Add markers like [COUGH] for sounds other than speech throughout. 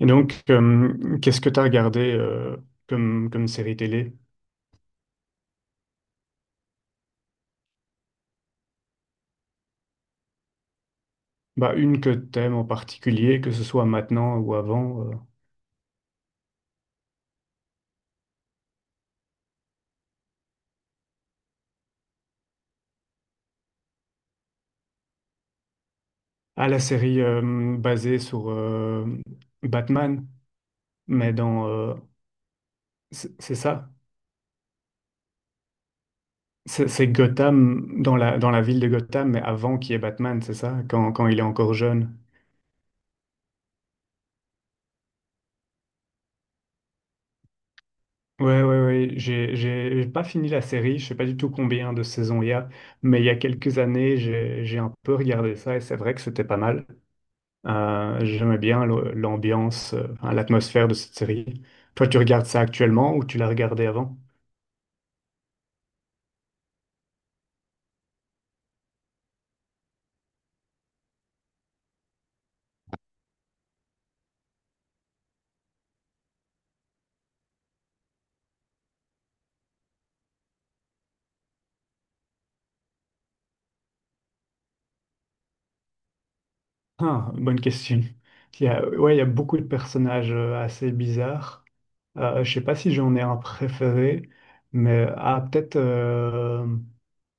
Et donc, qu'est-ce que tu as regardé comme série télé? Bah, une que t'aimes en particulier, que ce soit maintenant ou avant. Ah, la série basée sur Batman, mais c'est ça? C'est Gotham, dans la ville de Gotham, mais avant qu'il y ait Batman, c'est ça? Quand il est encore jeune. Ouais, ouais, ouais. J'ai pas fini la série, je sais pas du tout combien de saisons il y a, mais il y a quelques années, j'ai un peu regardé ça et c'est vrai que c'était pas mal. J'aimais bien l'ambiance, enfin, l'atmosphère de cette série. Toi, tu regardes ça actuellement ou tu l'as regardé avant? Ah, bonne question. Il y a, ouais, il y a beaucoup de personnages assez bizarres. Je sais pas si j'en ai un préféré, mais ah,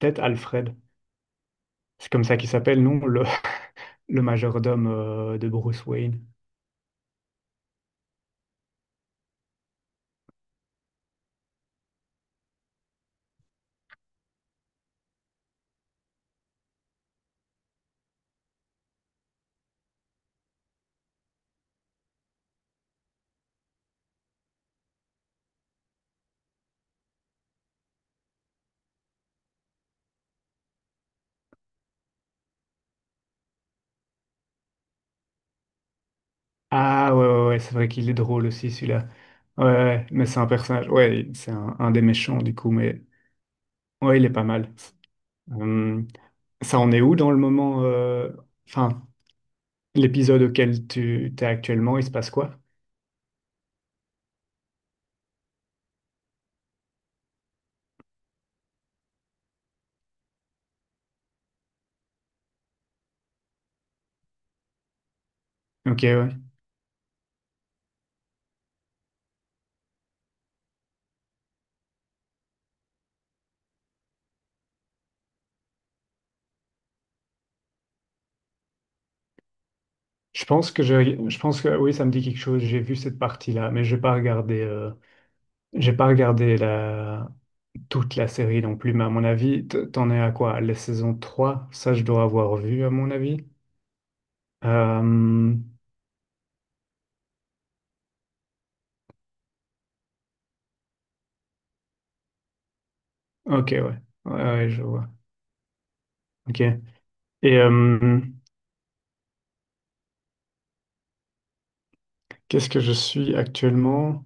peut-être Alfred. C'est comme ça qu'il s'appelle, non? Le, [LAUGHS] le majordome de Bruce Wayne. Ah ouais, ouais, ouais, c'est vrai qu'il est drôle aussi celui-là. Ouais, ouais, ouais, mais c'est un personnage. Ouais, c'est un des méchants du coup, mais ouais, il est pas mal. Hum, ça en est où dans le moment, enfin, l'épisode auquel tu t'es actuellement, il se passe quoi? Ok, ouais. Je pense que oui, ça me dit quelque chose. J'ai vu cette partie-là, mais j'ai pas regardé la, toute la série non plus, mais à mon avis, t'en es à quoi? La saison 3 ça je dois avoir vu à mon avis. Euh, ok, ouais. Ouais, ouais, je vois. Ok. Et qu'est-ce que je suis actuellement?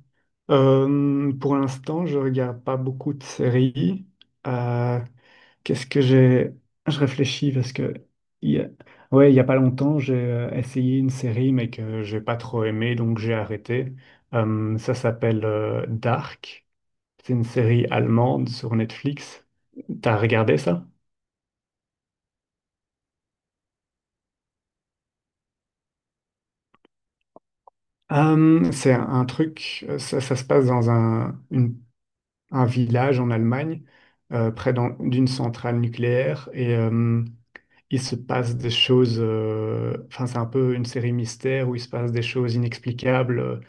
Pour l'instant, je regarde pas beaucoup de séries. Euh, qu'est-ce que j'ai... Je réfléchis parce que il y a- Ouais, il y a pas longtemps, j'ai essayé une série, mais que j'ai pas trop aimé, donc j'ai arrêté. Ça s'appelle Dark. C'est une série allemande sur Netflix. T'as regardé ça? C'est un truc, ça, ça se passe dans une- un village en Allemagne, près d'une centrale nucléaire, et il se passe des choses, enfin c'est un peu une série mystère où il se passe des choses inexplicables,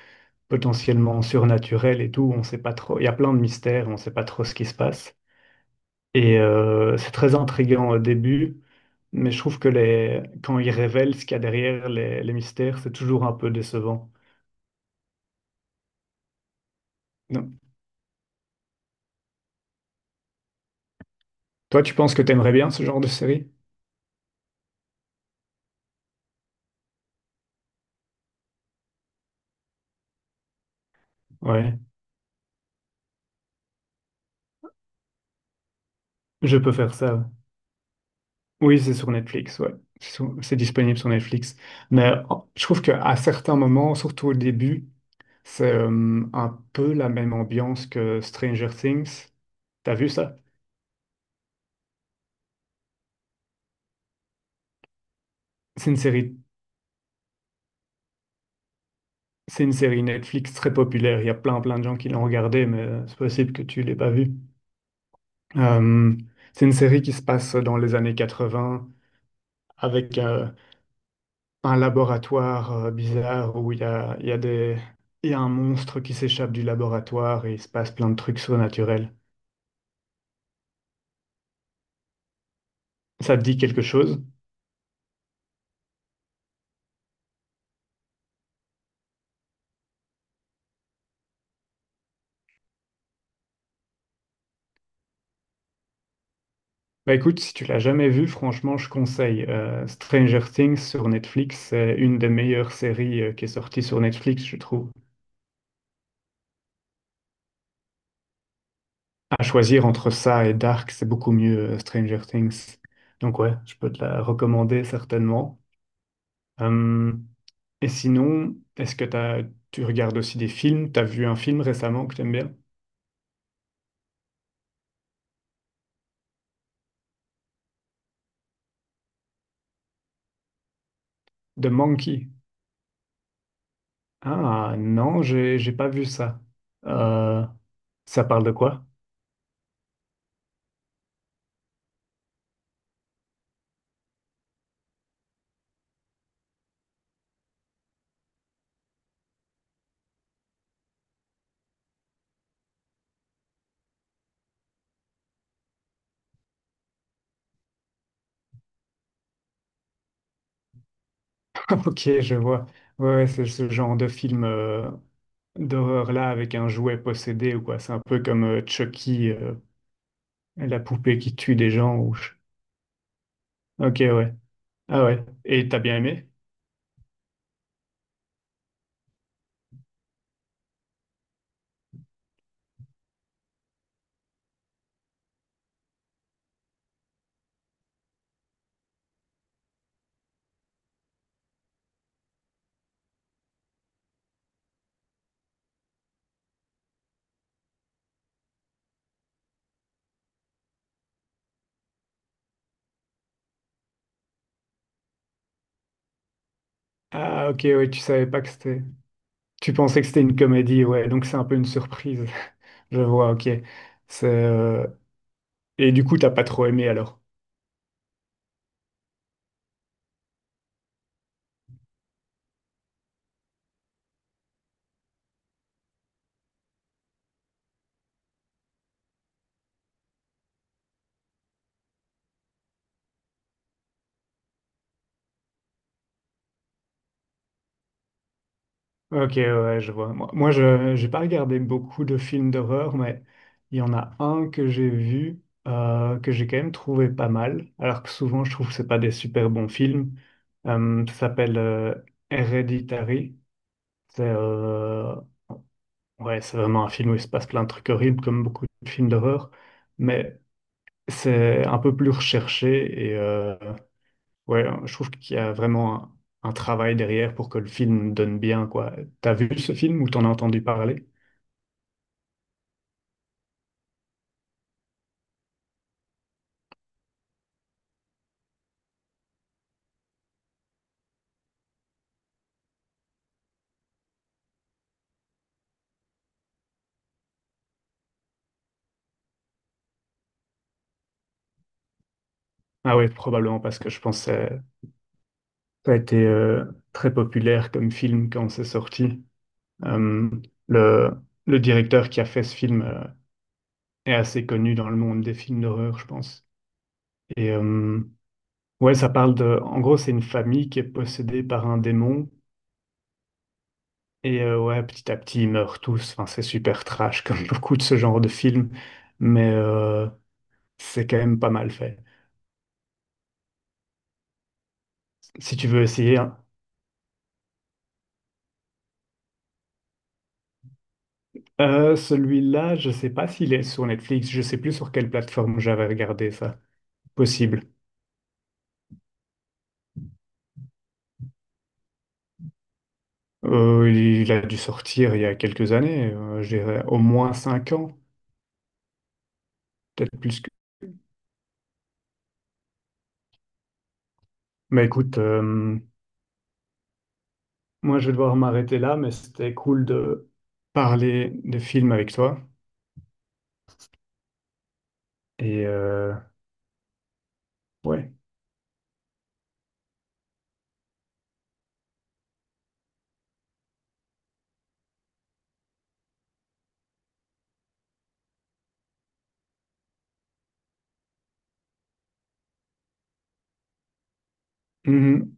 potentiellement surnaturelles et tout, on sait pas trop, il y a plein de mystères, on sait pas trop ce qui se passe. Et c'est très intriguant au début, mais je trouve que quand ils révèlent ce qu'il y a derrière les mystères, c'est toujours un peu décevant. Non. Toi, tu penses que t'aimerais bien ce genre de série? Ouais, je peux faire ça. Oui, c'est sur Netflix, ouais. C'est disponible sur Netflix. Mais oh, je trouve qu'à certains moments, surtout au début, c'est un peu la même ambiance que Stranger Things. T'as vu ça? C'est une série, c'est une série Netflix très populaire. Il y a plein plein de gens qui l'ont regardée, mais c'est possible que tu l'aies pas vue. Euh, c'est une série qui se passe dans les années 80 avec un laboratoire bizarre où il y a un monstre qui s'échappe du laboratoire et il se passe plein de trucs surnaturels. Ça te dit quelque chose? Bah écoute, si tu l'as jamais vu, franchement, je conseille. Stranger Things sur Netflix, c'est une des meilleures séries qui est sortie sur Netflix, je trouve. À choisir entre ça et Dark, c'est beaucoup mieux Stranger Things. Donc ouais, je peux te la recommander certainement. Hum, et sinon, tu regardes aussi des films? T'as vu un film récemment que t'aimes bien? The Monkey. Ah non, j'ai pas vu ça. Euh, ça parle de quoi? [LAUGHS] Ok, je vois. Ouais, ouais, c'est ce genre de film d'horreur là avec un jouet possédé ou quoi. C'est un peu comme Chucky, la poupée qui tue des gens. Ou... Ok, ouais. Ah ouais. Et t'as bien aimé? Ah ok, ouais, tu savais pas que c'était... Tu pensais que c'était une comédie, ouais, donc c'est un peu une surprise. [LAUGHS] Je vois, ok. C'est, euh, Et du coup, t'as pas trop aimé alors? Ok, ouais, ouais, je vois. Moi, moi, je j'ai pas regardé beaucoup de films d'horreur, mais il y en a un que j'ai vu que j'ai quand même trouvé pas mal, alors que souvent je trouve que c'est pas des super bons films. Ça s'appelle Hereditary. C'est ouais, c'est vraiment un film où il se passe plein de trucs horribles, comme beaucoup de films d'horreur, mais c'est un peu plus recherché et ouais, je trouve qu'il y a vraiment un travail derrière pour que le film donne bien, quoi. T'as vu ce film ou t'en as entendu parler? Ah oui, probablement parce que je pense que ça ça a été très populaire comme film quand c'est sorti. Euh, le, le directeur qui a fait ce film est assez connu dans le monde des films d'horreur, je pense. Et ouais, ça parle de... En gros, c'est une famille qui est possédée par un démon. Et ouais, petit à petit, ils meurent tous. Enfin, c'est super trash [LAUGHS] comme beaucoup de ce genre de films. Mais c'est quand même pas mal fait. Si tu veux essayer, celui-là, je sais pas s'il est sur Netflix, je sais plus sur quelle plateforme j'avais regardé ça. Possible. Il a dû sortir il y a quelques années, je dirais au moins 5 ans, peut-être plus que... Mais écoute, moi je vais devoir m'arrêter là, mais c'était cool de parler de films avec toi. Et ouais. Mhm.